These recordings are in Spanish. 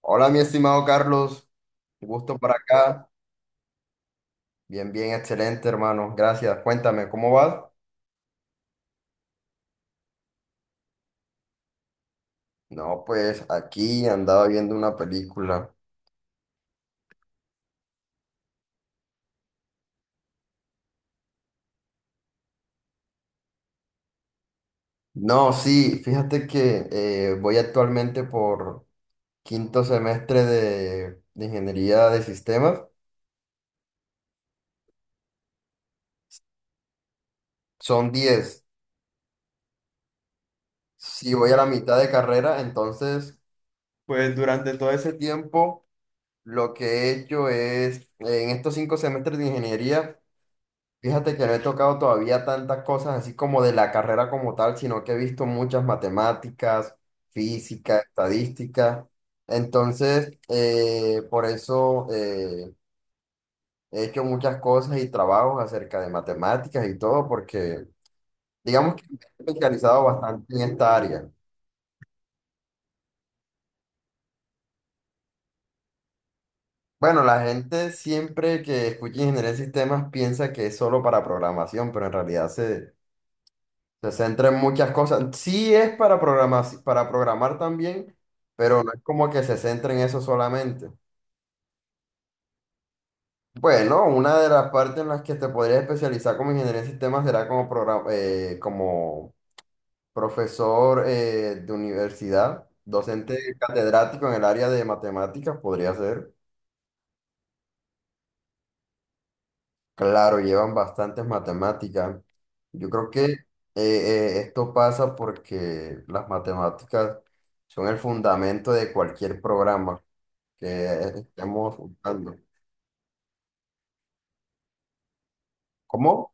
Hola, mi estimado Carlos, gusto para acá. Bien, bien, excelente, hermano. Gracias. Cuéntame, ¿cómo vas? No, pues aquí andaba viendo una película. No, sí, fíjate que voy actualmente por 5.º semestre de ingeniería de sistemas. Son 10. Si voy a la mitad de carrera, entonces, pues durante todo ese tiempo, lo que he hecho es, en estos 5 semestres de ingeniería. Fíjate que no he tocado todavía tantas cosas así como de la carrera como tal, sino que he visto muchas matemáticas, física, estadística. Entonces, por eso he hecho muchas cosas y trabajos acerca de matemáticas y todo, porque digamos que me he especializado bastante en esta área. Bueno, la gente siempre que escucha ingeniería de sistemas piensa que es solo para programación, pero en realidad se centra en muchas cosas. Sí es para programar también, pero no es como que se centra en eso solamente. Bueno, una de las partes en las que te podrías especializar como ingeniería en sistemas será como, como profesor de universidad, docente catedrático en el área de matemáticas, podría ser. Claro, llevan bastantes matemáticas. Yo creo que esto pasa porque las matemáticas son el fundamento de cualquier programa que estemos usando. ¿Cómo?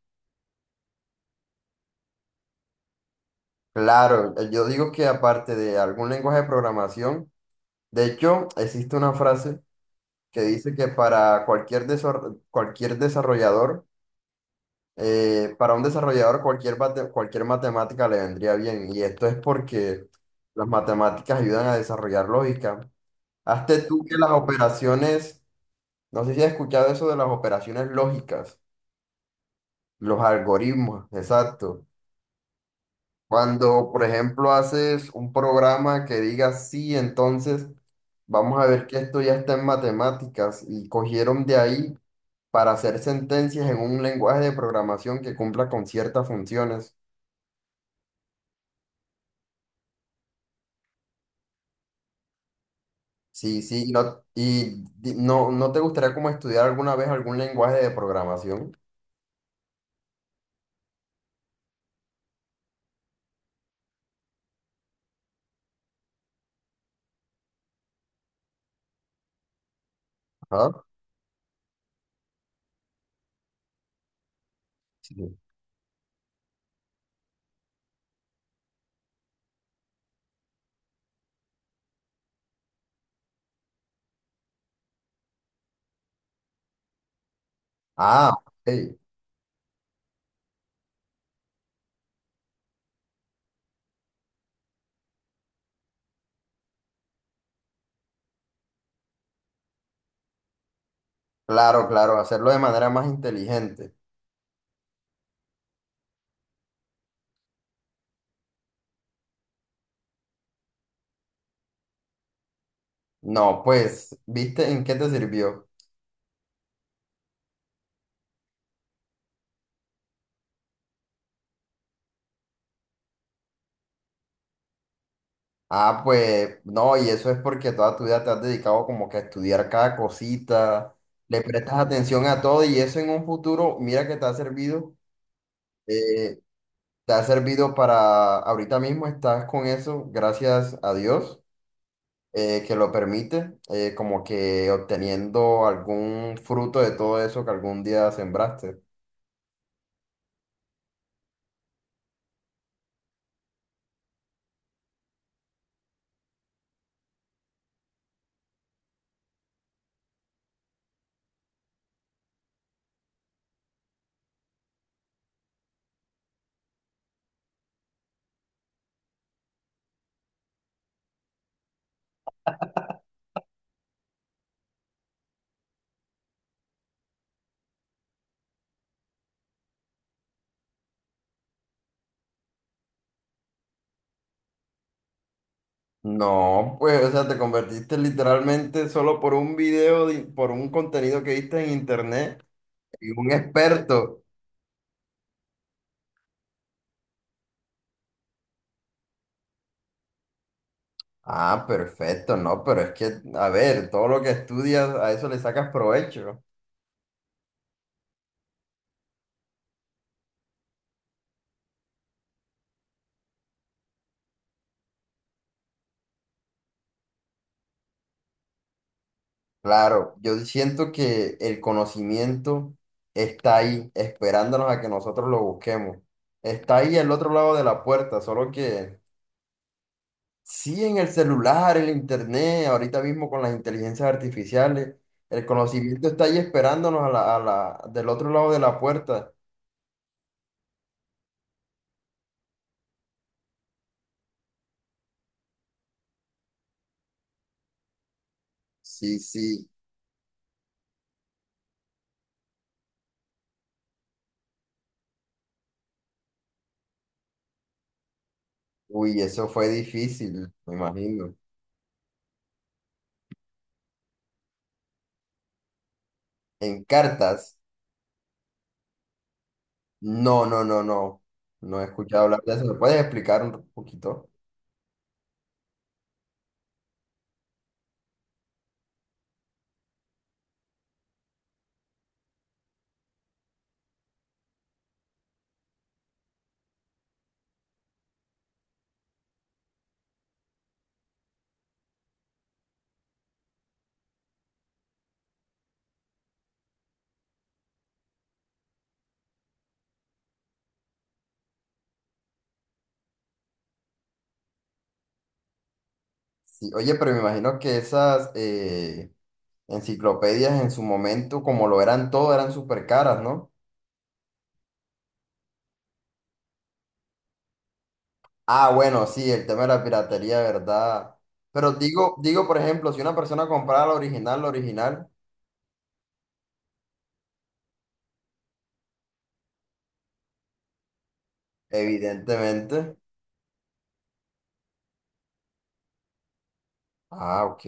Claro, yo digo que aparte de algún lenguaje de programación, de hecho, existe una frase que dice que para cualquier desarrollador, para un desarrollador cualquier matemática le vendría bien. Y esto es porque las matemáticas ayudan a desarrollar lógica. Hazte tú que las operaciones, no sé si has escuchado eso de las operaciones lógicas, los algoritmos, exacto. Cuando, por ejemplo, haces un programa que diga sí, entonces vamos a ver que esto ya está en matemáticas y cogieron de ahí para hacer sentencias en un lenguaje de programación que cumpla con ciertas funciones. Sí, sí, ¿no te gustaría como estudiar alguna vez algún lenguaje de programación? Ajá. Sí. Ah, ok. Claro, claro, hacerlo de manera más inteligente. No, pues, ¿viste en qué te sirvió? Ah, pues no, y eso es porque toda tu vida te has dedicado como que a estudiar cada cosita, le prestas atención a todo y eso en un futuro, mira que eh, te ha servido para, ahorita mismo estás con eso, gracias a Dios, que lo permite, como que obteniendo algún fruto de todo eso que algún día sembraste. No, pues, o sea, te convertiste literalmente solo por un video, por un contenido que viste en internet, en un experto. Ah, perfecto, no, pero es que, a ver, todo lo que estudias, a eso le sacas provecho. Claro, yo siento que el conocimiento está ahí, esperándonos a que nosotros lo busquemos. Está ahí al otro lado de la puerta, solo que sí en el celular, en el internet, ahorita mismo con las inteligencias artificiales, el conocimiento está ahí esperándonos a del otro lado de la puerta. Sí, sí. Uy, eso fue difícil, me imagino. En cartas. No, no, no, no. No he escuchado hablar de eso. ¿Me puedes explicar un poquito? Sí, oye, pero me imagino que esas enciclopedias en su momento, como lo eran todo, eran súper caras, ¿no? Ah, bueno, sí, el tema de la piratería, ¿verdad? Pero digo, digo, por ejemplo, si una persona comprara la original, evidentemente. Ah, ok.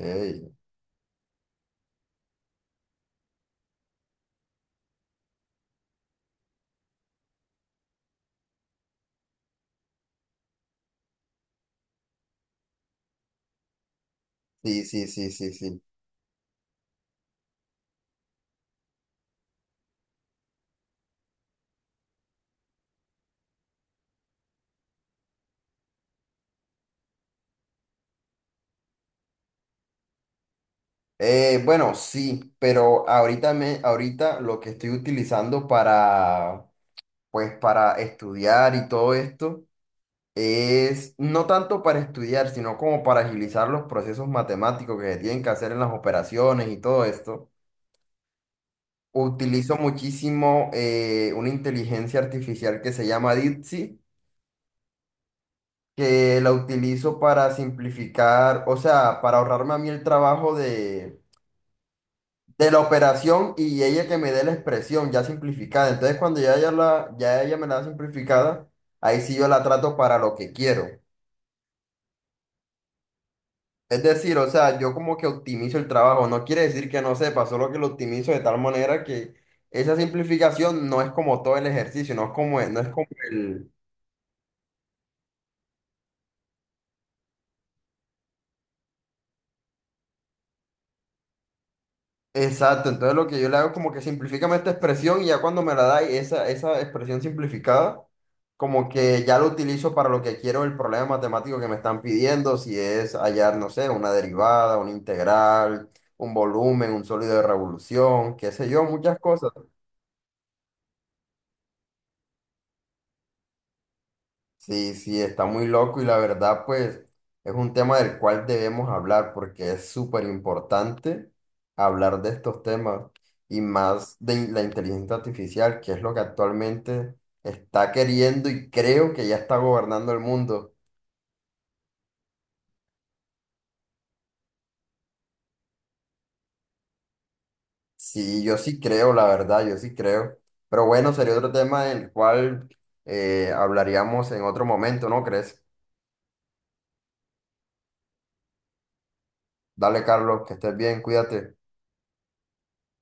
Sí, sí, sí, sí, sí. Bueno, sí, pero ahorita lo que estoy utilizando para pues para estudiar y todo esto, es no tanto para estudiar, sino como para agilizar los procesos matemáticos que se tienen que hacer en las operaciones y todo esto. Utilizo muchísimo una inteligencia artificial que se llama Dipsy, que la utilizo para simplificar, o sea, para ahorrarme a mí el trabajo de la operación y ella que me dé la expresión ya simplificada. Entonces, cuando ya ella me la da simplificada, ahí sí yo la trato para lo que quiero. Es decir, o sea, yo como que optimizo el trabajo, no quiere decir que no sepa, solo que lo optimizo de tal manera que esa simplificación no es como todo el ejercicio, no es como el... Exacto, entonces lo que yo le hago es como que simplifícame esta expresión y ya cuando me la da esa expresión simplificada, como que ya lo utilizo para lo que quiero el problema matemático que me están pidiendo, si es hallar, no sé, una derivada, una integral, un volumen, un sólido de revolución, qué sé yo, muchas cosas. Sí, sí, está muy loco y la verdad, pues, es un tema del cual debemos hablar porque es súper importante hablar de estos temas y más de la inteligencia artificial, que es lo que actualmente está queriendo y creo que ya está gobernando el mundo. Sí, yo sí creo, la verdad, yo sí creo. Pero bueno, sería otro tema del cual hablaríamos en otro momento, ¿no crees? Dale, Carlos, que estés bien, cuídate.